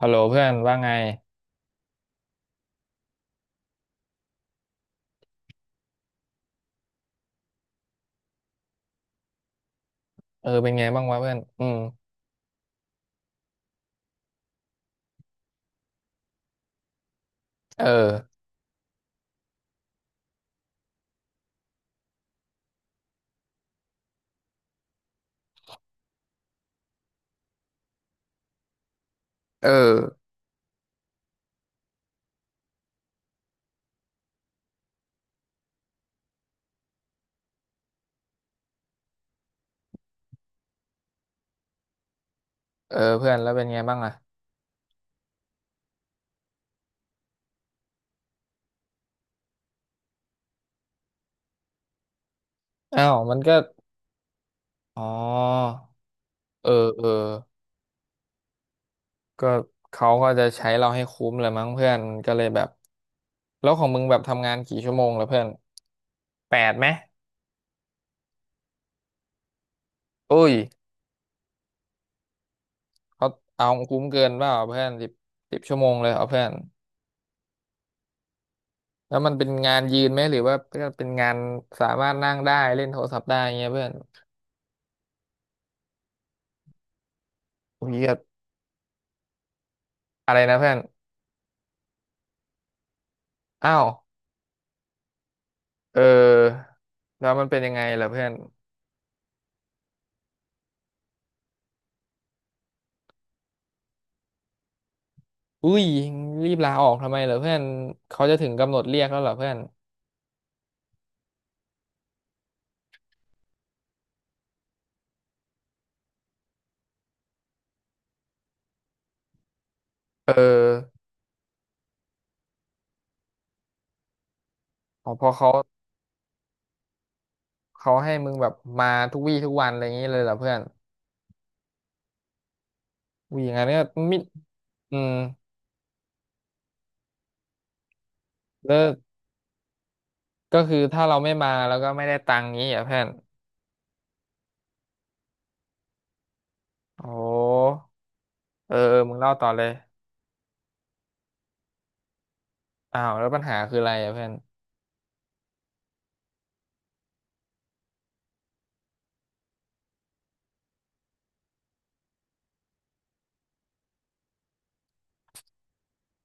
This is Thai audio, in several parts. ฮัลโหลเพื่อนว่าไงเออเป็นไงบ้างวะเพื่อนอืมเออเออเออเพื่อนแล้วเป็นไงบ้างอ่ะอ้าวมันก็อ๋อเออเออก็เขาก็จะใช้เราให้คุ้มเลยมั้งเพื่อนก็เลยแบบแล้วของมึงแบบทำงานกี่ชั่วโมงแล้วเพื่อนแปดไหมอุ้ยเขาเอาคุ้มเกินเปล่าเพื่อนสิบชั่วโมงเลยเอาเพื่อนแล้วมันเป็นงานยืนไหมหรือว่าเป็นงานสามารถนั่งได้เล่นโทรศัพท์ได้เงี้ยเพื่อนอุ้ยก็อะไรนะเพื่อนอ้าวเออ แล้วมันเป็นยังไงล่อเพื่อนอุ้ยรีบลาออกทำไมเหรอเพื่อนเขาจะถึงกำหนดเรียกแล้วเหรอเพื่อนเอออ๋อพอเขาเขาให้มึงแบบมาทุกวี่ทุกวันอะไรอย่างนี้เลยเหรอเพื่อนอุ้ยอย่างนั้นก็มิอืมแล้วก็คือถ้าเราไม่มาแล้วก็ไม่ได้ตังค์งี้เหรอ่ะเพื่อนโอ้เออเออมึงเล่าต่อเลยอ้าวแล้วปัญหาคืออะไรอ่ะเพื่อน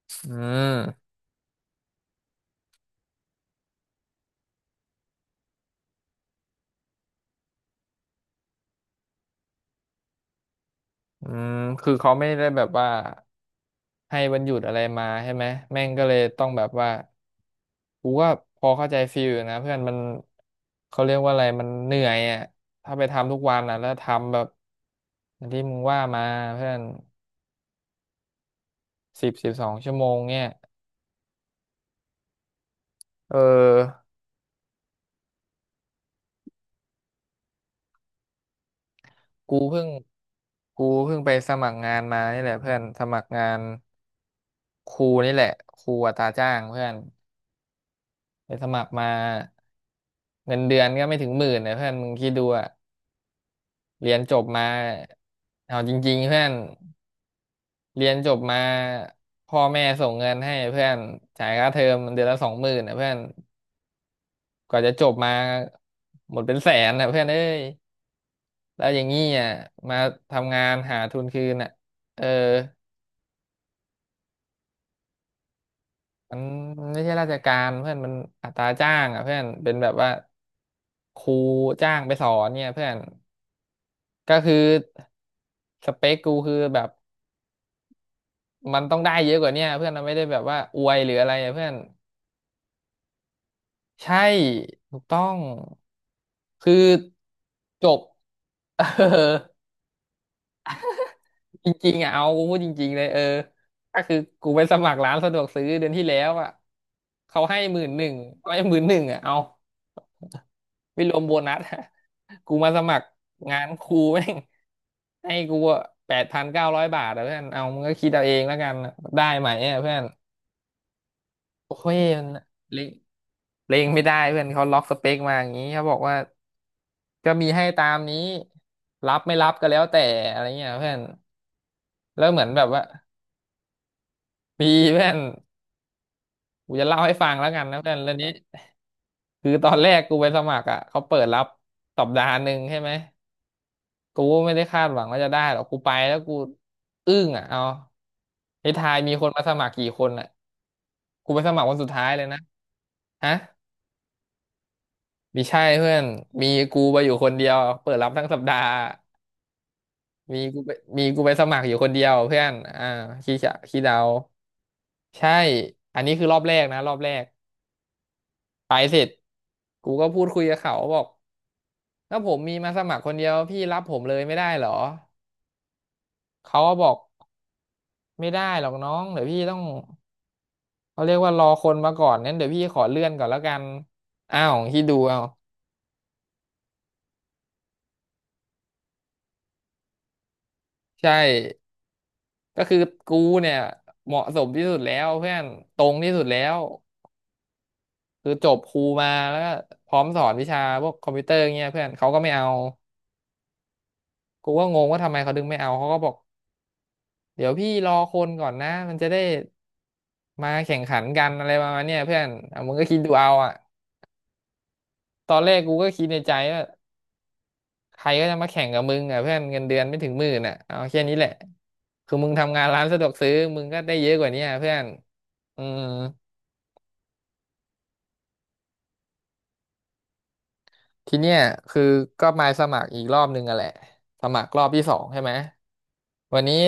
อืมอืมคือเขาไม่ได้แบบว่าให้วันหยุดอะไรมาใช่ไหมแม่งก็เลยต้องแบบว่า กูก็พอเข้าใจฟีลอยู่นะเพื่อนมันเขาเรียกว่าอะไรมันเหนื่อยอ่ะถ้าไปทำทุกวันอ่ะแล้วทำแบบอย่างที่มึงว่ามาเพื่อนสิบสองชั่วโมงเนี่ยเออกูเพิ่งกูเพิ่งไปสมัครงานมานี่แหละเพื่อนสมัครงานครูนี่แหละครูอัตราจ้างเพื่อนไปสมัครมาเงินเดือนก็ไม่ถึงหมื่นนะเพื่อนมึงคิดดูอะเรียนจบมาเอาจริงๆเพื่อน เรียนจบมาพ่อแม่ส่งเงินให้เพื่อนจ่ายค่าเทอมเดือนละ20,000นะเพื่อนกว่าจะจบมาหมดเป็นแสนนะเพื่อนเอ้ยแล้วอย่างงี้อ่ะมาทำงานหาทุนคืนอ่ะเออมันไม่ใช่ราชการเพื่อนมันอัตราจ้างอ่ะเพื่อนเป็นแบบว่าครูจ้างไปสอนเนี่ยเพื่อนก็คือสเปคกูคือแบบมันต้องได้เยอะกว่าเนี้ยเพื่อนมันไม่ได้แบบว่าอวยหรืออะไรอ่ะเพื่อน ใช่ถูกต้องคือจบ เออจริงๆอ่ะเอากูพูดจริงๆเลยเออก็คือกูไปสมัครร้านสะดวกซื้อเดือนที่แล้วอ่ะเขาให้หมื่นหนึ่งไม่หมื่นหนึ่งอ่ะเอาไม่รวมโบนัสอะกูมาสมัครงานครูแม่งให้กู8,900 บาทอ่ะเพื่อนเอามึงก็คิดเอาเองแล้วกันได้ไหมอ่ะเพื่อน โอ้ยมันเลงเลงไม่ได้เพื่อนเขาล็อกสเปคมาอย่างนี้เขาบอกว่าก็มีให้ตามนี้รับไม่รับก็แล้วแต่อะไรเงี้ยเพื่อนแล้วเหมือนแบบว่ามีเพื่อนกูจะเล่าให้ฟังแล้วกันนะเพื่อนเรื่องนี้คือตอนแรกกูไปสมัครอ่ะเขาเปิดรับสัปดาห์หนึ่งใช่ไหมกูไม่ได้คาดหวังว่าจะได้หรอกกูไปแล้วกูอึ้งอ่ะเอาไอ้ทายมีคนมาสมัครกี่คนอ่ะกูไปสมัครวันสุดท้ายเลยนะฮะ มีใช่เพื่อนมีกูไปอยู่คนเดียวเปิดรับทั้งสัปดาห์มีกูไปสมัครอยู่คนเดียวเพื่อนอ่าขี้จะขี้เดาใช่อันนี้คือรอบแรกนะรอบแรกไปเสร็จกูก็พูดคุยกับเขาบอกถ้าผมมีมาสมัครคนเดียวพี่รับผมเลยไม่ได้เหรอเขาก็บอกไม่ได้หรอกน้องเดี๋ยวพี่ต้องเขาเรียกว่ารอคนมาก่อนงั้นเดี๋ยวพี่ขอเลื่อนก่อนแล้วกันอ้าวที่ดูเอาใช่ก็คือกูเนี่ยเหมาะสมที่สุดแล้วเพื่อนตรงที่สุดแล้ว คือจบครูมาแล้วก็พร้อมสอนวิชาพวกคอมพิวเตอร์เงี้ยเพื่อนเขาก็ไม่เอากูก็งงว่าทำไมเขาดึงไม่เอาเขาก็บอกเดี๋ยวพี่รอคนก่อนนะมันจะได้มาแข่งขันกันอะไรประมาณเนี้ยเพื่อนอ่ะมึงก็คิดดูเอาอ่ะตอนแรกกูก็คิดในใจว่าใครก็จะมาแข่งกับมึงอ่ะเพื่อนเงินเดือนไม่ถึงหมื่นอ่ะเอาแค่นี้แหละคือมึงทำงานร้านสะดวกซื้อมึงก็ได้เยอะกว่านี้อ่ะเพื่อนอืม ทีเนี้ยคือก็มาสมัครอีกรอบนึงอะแหละสมัครรอบที่สองใช่ไหมวันนี้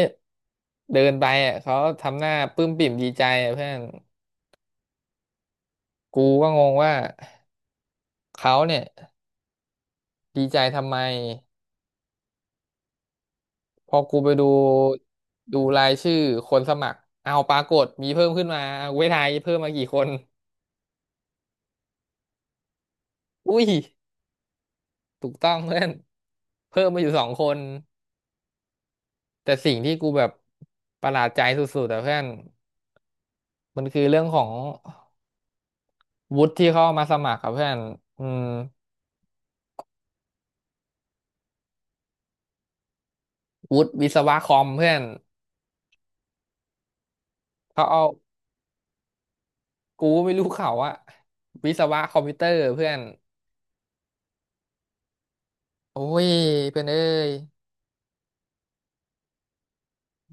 เดินไปอ่ะเขาทำหน้าปลื้มปิ่มดีใจอ่ะเพื่อนกูก็งงว่าเขาเนี่ยดีใจทำไมพอกูไปดูดูรายชื่อคนสมัครเอาปรากฏมีเพิ่มขึ้นมาเอาเวทายเพิ่มมากี่คนอุ้ยถูกต้องเพื่อนเพิ่มมาอยู่2 คนแต่สิ่งที่กูแบบประหลาดใจสุดๆแต่เพื่อนมันคือเรื่องของ วุฒิที่เขาเอามาสมัครครับเพื่อนอืมวุฒิวิศวะคอมเพื่อนเขาเอากูไม่รู้เขาอะวิศวะคอมพิวเตอร์เพื่อนโอ้ยเพื่อนเอ้ย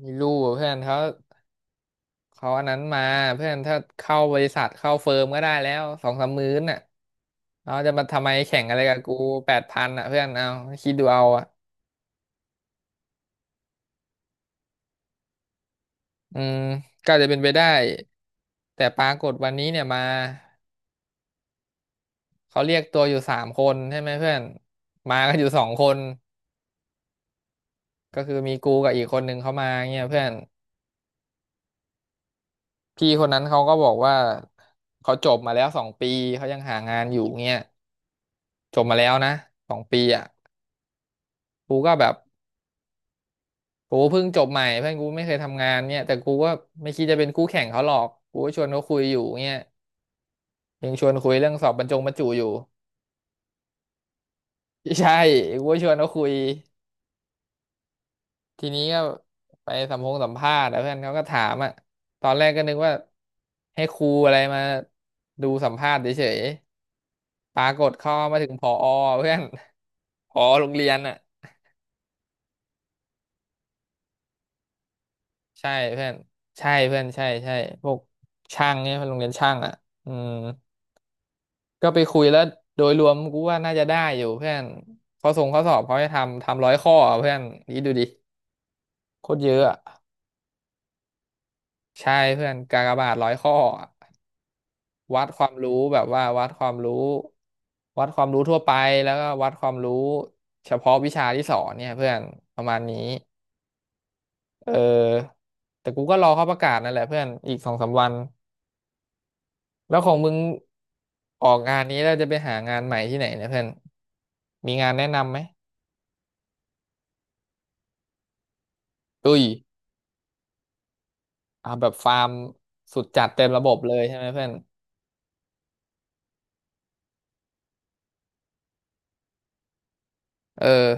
ไม่รู้อะเพื่อนเขาอันนั้นมาเพื่อนถ้าเข้าบริษัทเข้าเฟิร์มก็ได้แล้วสองสามมื้อน่ะเราจะมาทำไมแข่งอะไรกับกูแปดพันอ่ะเพื่อนเอาคิดดูเอาอ่ะอืมก็จะเป็นไปได้แต่ปรากฏวันนี้เนี่ยมาเขาเรียกตัวอยู่สามคนใช่ไหมเพื่อนมากันอยู่สองคน ก็คือมีกูกับอีกคนนึงเขามาเงี้ยเพื่อนพี่คนนั้นเขาก็บอกว่าเขาจบมาแล้วสองปีเขายังหางานอยู่เงี้ยจบมาแล้วนะสองปีอ่ะกูก็แบบกูเพิ่งจบใหม่เพื่อนกูไม่เคยทำงานเนี่ยแต่กูก็ไม่คิดจะเป็นคู่แข่งเขาหรอกกูก็ชวนเขาคุยอยู่เงี้ยยังชวนคุยเรื่องสอบบรรจงบรรจุอยู่ ใช่กูก็ชวนเขาคุยทีนี้ก็ไปสัมภาษณ์แล้วเพื่อนเขาก็ถามอ่ะตอนแรกก็นึกว่าให้ครูอะไรมาดูสัมภาษณ์เฉย ปรากฏเข้ามาถึงผอเพื่อน ผอโรงเรียนอ่ะใช่เพื่อนใช่เพื่อนใช่ใช่พวกช่างเนี่ยเพื่อนโรงเรียนช่างอ่ะอืมก็ไปคุยแล้วโดยรวมกูว่าน่าจะได้อยู่เพื่อนข้อสอบเขาให้ทำร้อยข้ออะเพื่อนนี่ดูดิโคตรเยอะอะใช่เพื่อนกากบาทร้อยข้ออะวัดความรู้แบบว่าวัดความรู้วัดความรู้ทั่วไปแล้วก็วัดความรู้เฉพาะวิชาที่สอนเนี่ยเพื่อนประมาณนี้ เออแต่กูก็รอเขาประกาศนั่นแหละเพื่อนอีกสองสามวันแล้วของมึงออกงานนี้แล้วจะไปหางานใหม่ที่ไหนเนี่ยเพื่อนมีงานแนะนำไหมอุ้ยอ่าแบบฟาร์มสุดจัดเต็มระบบเลยใช่ไหมเพื่อนเออ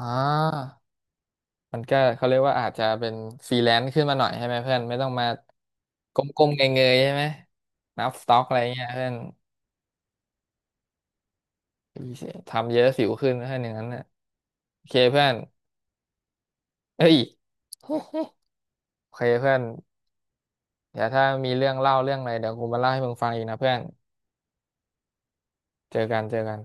อ่ามันก็เขาเรียกว่าอาจจะเป็นฟรีแลนซ์ขึ้นมาหน่อยใช่ไหมเพื่อนไม่ต้องมาก้มๆเงยๆใช่ไหมนับสต็อกอะไรเงี้ยเพื่อนทำเยอะสิวขึ้นนะเพื่อนอย่างนั้นน่ะโอเคเพื่อนเฮ้ย โอเคเพื่อน เดี๋ยวถ้ามีเรื่องเล่าเรื่องอะไรเดี๋ยวกูมาเล่าให้มึงฟังอีกนะเพื่อน เจอกันเจอกัน